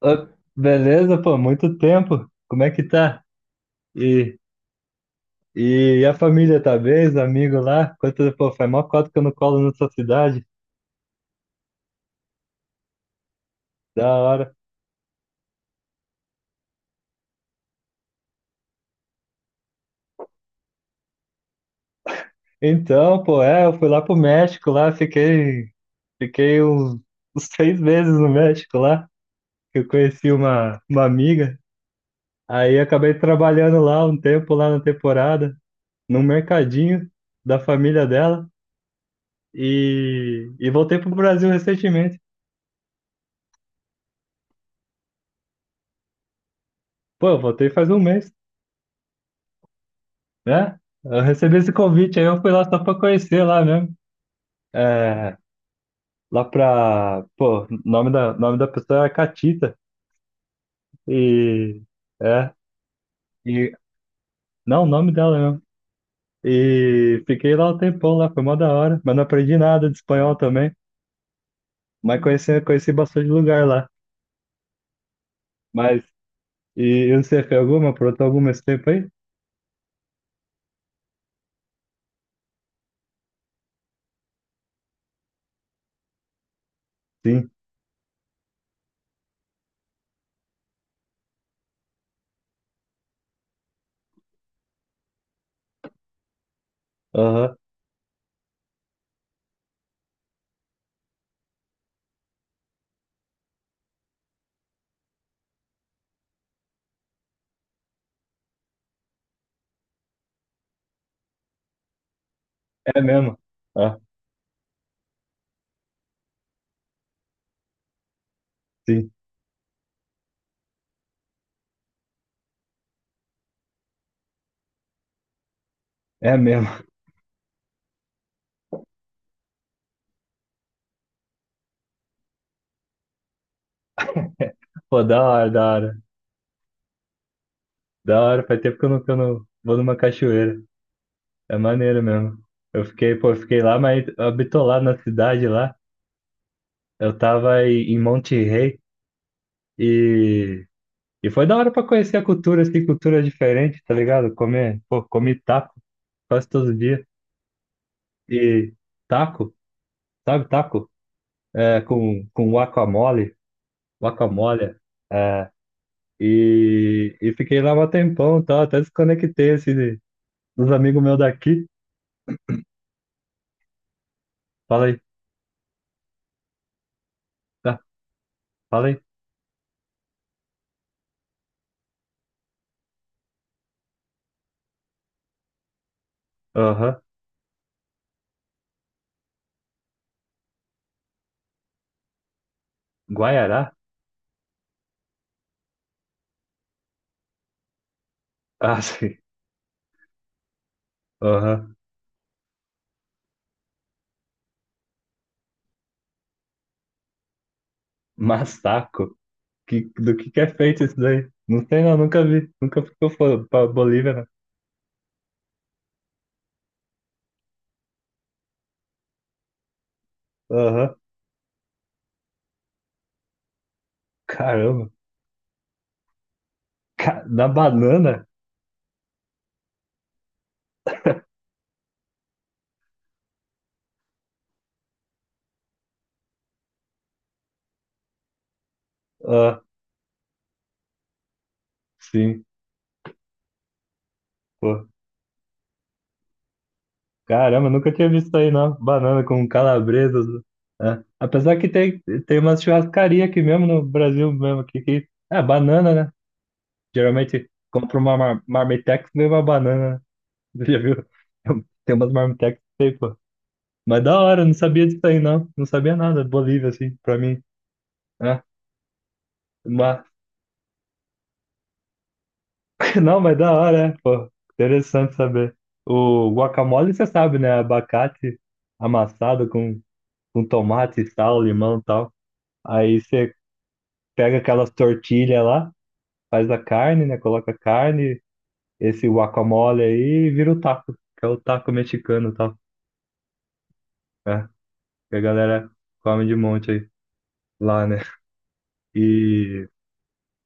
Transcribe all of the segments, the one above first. Ô, beleza, pô, muito tempo. Como é que tá? E, e a família tá bem? Os amigos lá? Quanto, pô, faz mó cota que eu não colo na sua cidade. Da hora. Então, pô, eu fui lá pro México lá, fiquei uns 6 meses no México lá, que eu conheci uma amiga. Aí acabei trabalhando lá um tempo, lá na temporada, num mercadinho da família dela. E voltei pro Brasil recentemente. Pô, eu voltei faz um mês, né? Eu recebi esse convite, aí eu fui lá só pra conhecer lá mesmo. É, lá pra. Pô, nome da pessoa é Catita. E. É. E, não, o nome dela mesmo. E fiquei lá um tempão lá, foi mó da hora. Mas não aprendi nada de espanhol também. Mas conheci bastante lugar lá. Mas. E, e você fez alguma? Aprontou alguma esse tempo aí? Sim. Aham. É mesmo. Ah, sim. É mesmo. Pô, da hora, da hora. Da hora. Faz tempo que eu não vou numa cachoeira. É maneiro mesmo. Eu fiquei, pô, eu fiquei lá, mas bitolado na cidade lá. Eu tava em Monte Rei e, e foi da hora pra conhecer a cultura, assim, cultura diferente, tá ligado? Comer, pô, comi taco quase todo dia. E taco, sabe taco? É, com guacamole, guacamole. É, e fiquei lá um tempão, tá? Até desconectei, assim, dos amigos meus daqui. Falei, tá, falei, aham, Guaiará? Ah, sim, aham. Massaco, do que é feito isso daí? Não sei não, nunca vi. Nunca ficou pra Bolívia, né? Aham. Caramba. Da banana? Ah, sim. Pô. Caramba, nunca tinha visto isso aí, não. Banana com calabresas, né? É. Apesar que tem uma churrascaria aqui mesmo no Brasil mesmo, aqui, que é banana, né? Geralmente compra uma marmitex e vem uma banana, né? Já viu? Tem umas marmitex aí, pô. Mas da hora, não sabia disso aí, não. Não sabia nada. Bolívia, assim, pra mim. É, mas, não, mas da hora, né? Pô, interessante saber. O guacamole, você sabe, né? Abacate amassado com, tomate, sal, limão e tal. Aí você pega aquelas tortilhas lá, faz a carne, né? Coloca a carne, esse guacamole aí e vira o taco, que é o taco mexicano e tal. É, que a galera come de monte aí lá, né? E...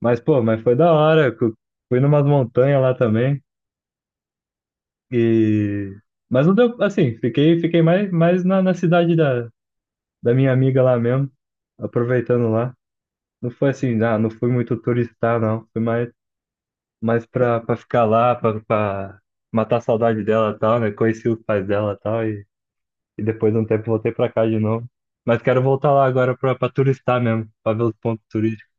mas foi da hora. Fui numas montanhas lá também. E... Mas não deu, assim, fiquei mais na cidade da minha amiga lá mesmo, aproveitando lá. Não foi assim, não fui muito turistar, não. Foi mais pra ficar lá, pra matar a saudade dela e tal, né? Conheci os pais dela e tal, e depois de um tempo voltei pra cá de novo. Mas quero voltar lá agora pra turistar mesmo, pra ver os pontos turísticos.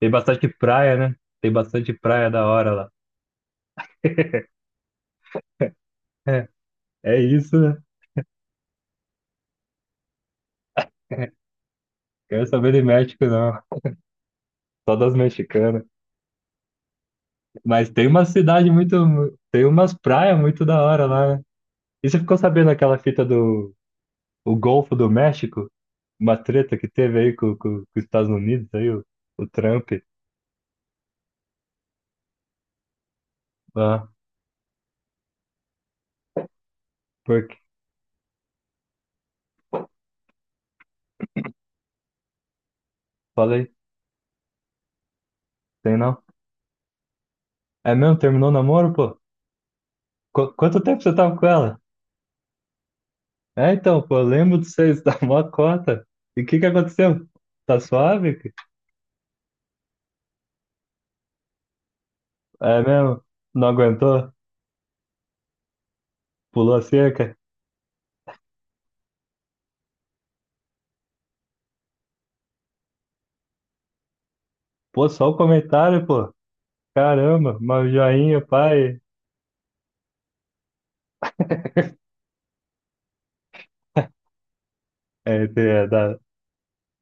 Tem bastante praia, né? Tem bastante praia da hora lá. É, é isso, né? Quero saber de México, não. Só das mexicanas. Mas tem uma cidade muito. Tem umas praias muito da hora lá, né? E você ficou sabendo aquela fita do o Golfo do México? Uma treta que teve aí com os Estados Unidos, aí, o Trump. Ah, porque. Falei, tem não. É mesmo? Terminou o namoro, pô? Quanto tempo você tava com ela? É, então, pô, eu lembro de vocês, da mó cota. E o que que aconteceu? Tá suave? É mesmo? Não aguentou? Pulou a cerca? Pô, só o comentário, pô. Caramba, uma joinha, pai. É,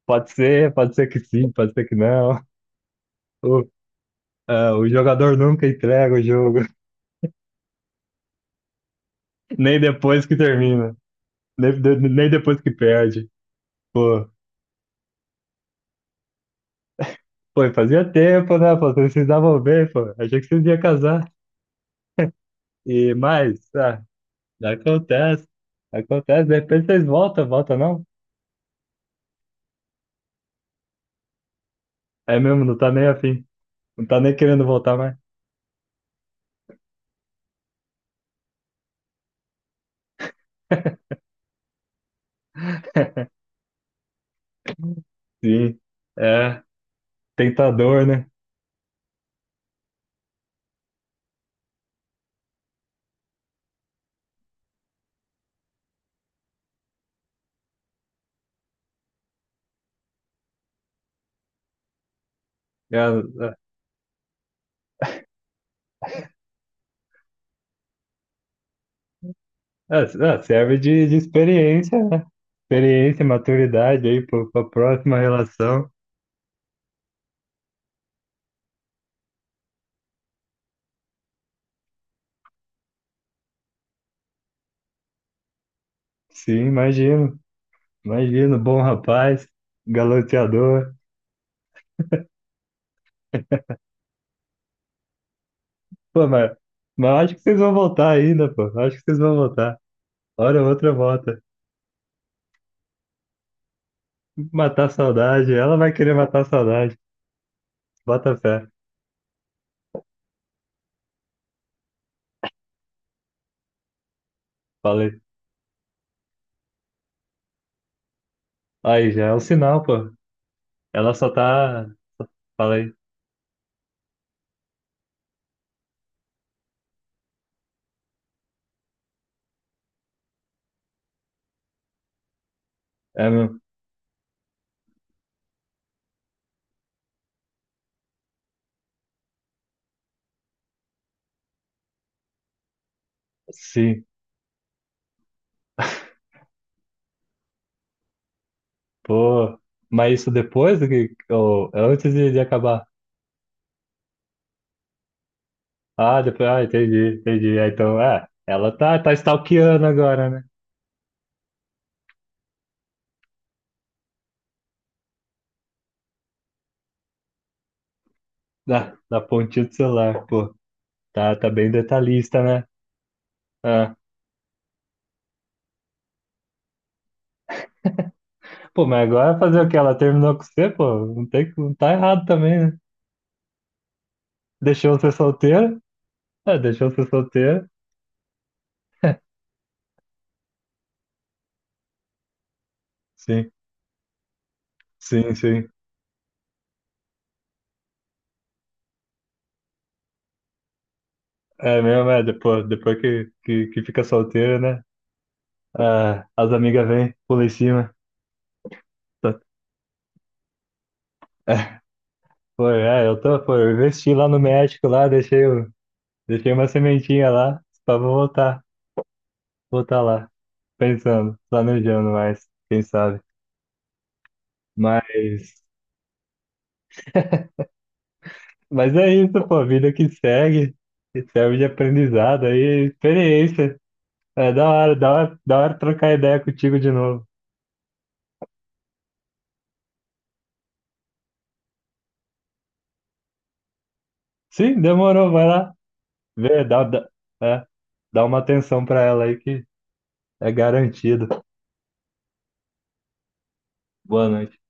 pode ser que sim, pode ser que não. O, o jogador nunca entrega o jogo, nem depois que termina, nem depois que perde. Pô, pô, e fazia tempo, né? Pô, vocês se davam bem, pô. Achei que vocês iam casar. E mais, acontece, acontece. De repente vocês voltam, volta não? É mesmo, não tá nem afim, não tá nem querendo voltar mais. Sim, é tentador, né? É, é, é, serve de experiência, né? Experiência, maturidade aí para a próxima relação. Sim, imagino. Imagino, bom rapaz, galanteador. Pô, mas acho que vocês vão voltar ainda, pô. Acho que vocês vão voltar. Hora ou outra volta. Matar a saudade. Ela vai querer matar a saudade. Bota fé. Falei. Aí já é um sinal, pô. Ela só tá. Falei. É mesmo. Sim. Pô. Mas isso depois do que. Ou é antes de acabar? Ah, depois, entendi, entendi. Ah, então, ela tá stalkeando agora, né? Da pontinha do celular, pô. Tá bem detalhista, né? Ah. Pô, mas agora fazer o quê? Ela terminou com você, pô? Não tem, não tá errado também, né? Deixou você solteira? É, deixou você solteira? Sim, sim, sim. É mesmo, depois que fica solteira, né? Ah, as amigas vêm, pula em cima. Tá- Foi, é, eu tô, foi, eu investi lá no México, lá, deixei o. Deixei uma sementinha lá, só vou voltar, lá, pensando, planejando mais, quem sabe. Mas, mas é isso, pô, vida que segue, que serve de aprendizado aí, experiência. É da hora, da hora, da hora trocar ideia contigo de novo. Sim, demorou, vai lá, vê, é, dá uma atenção pra ela aí que é garantido. Boa noite.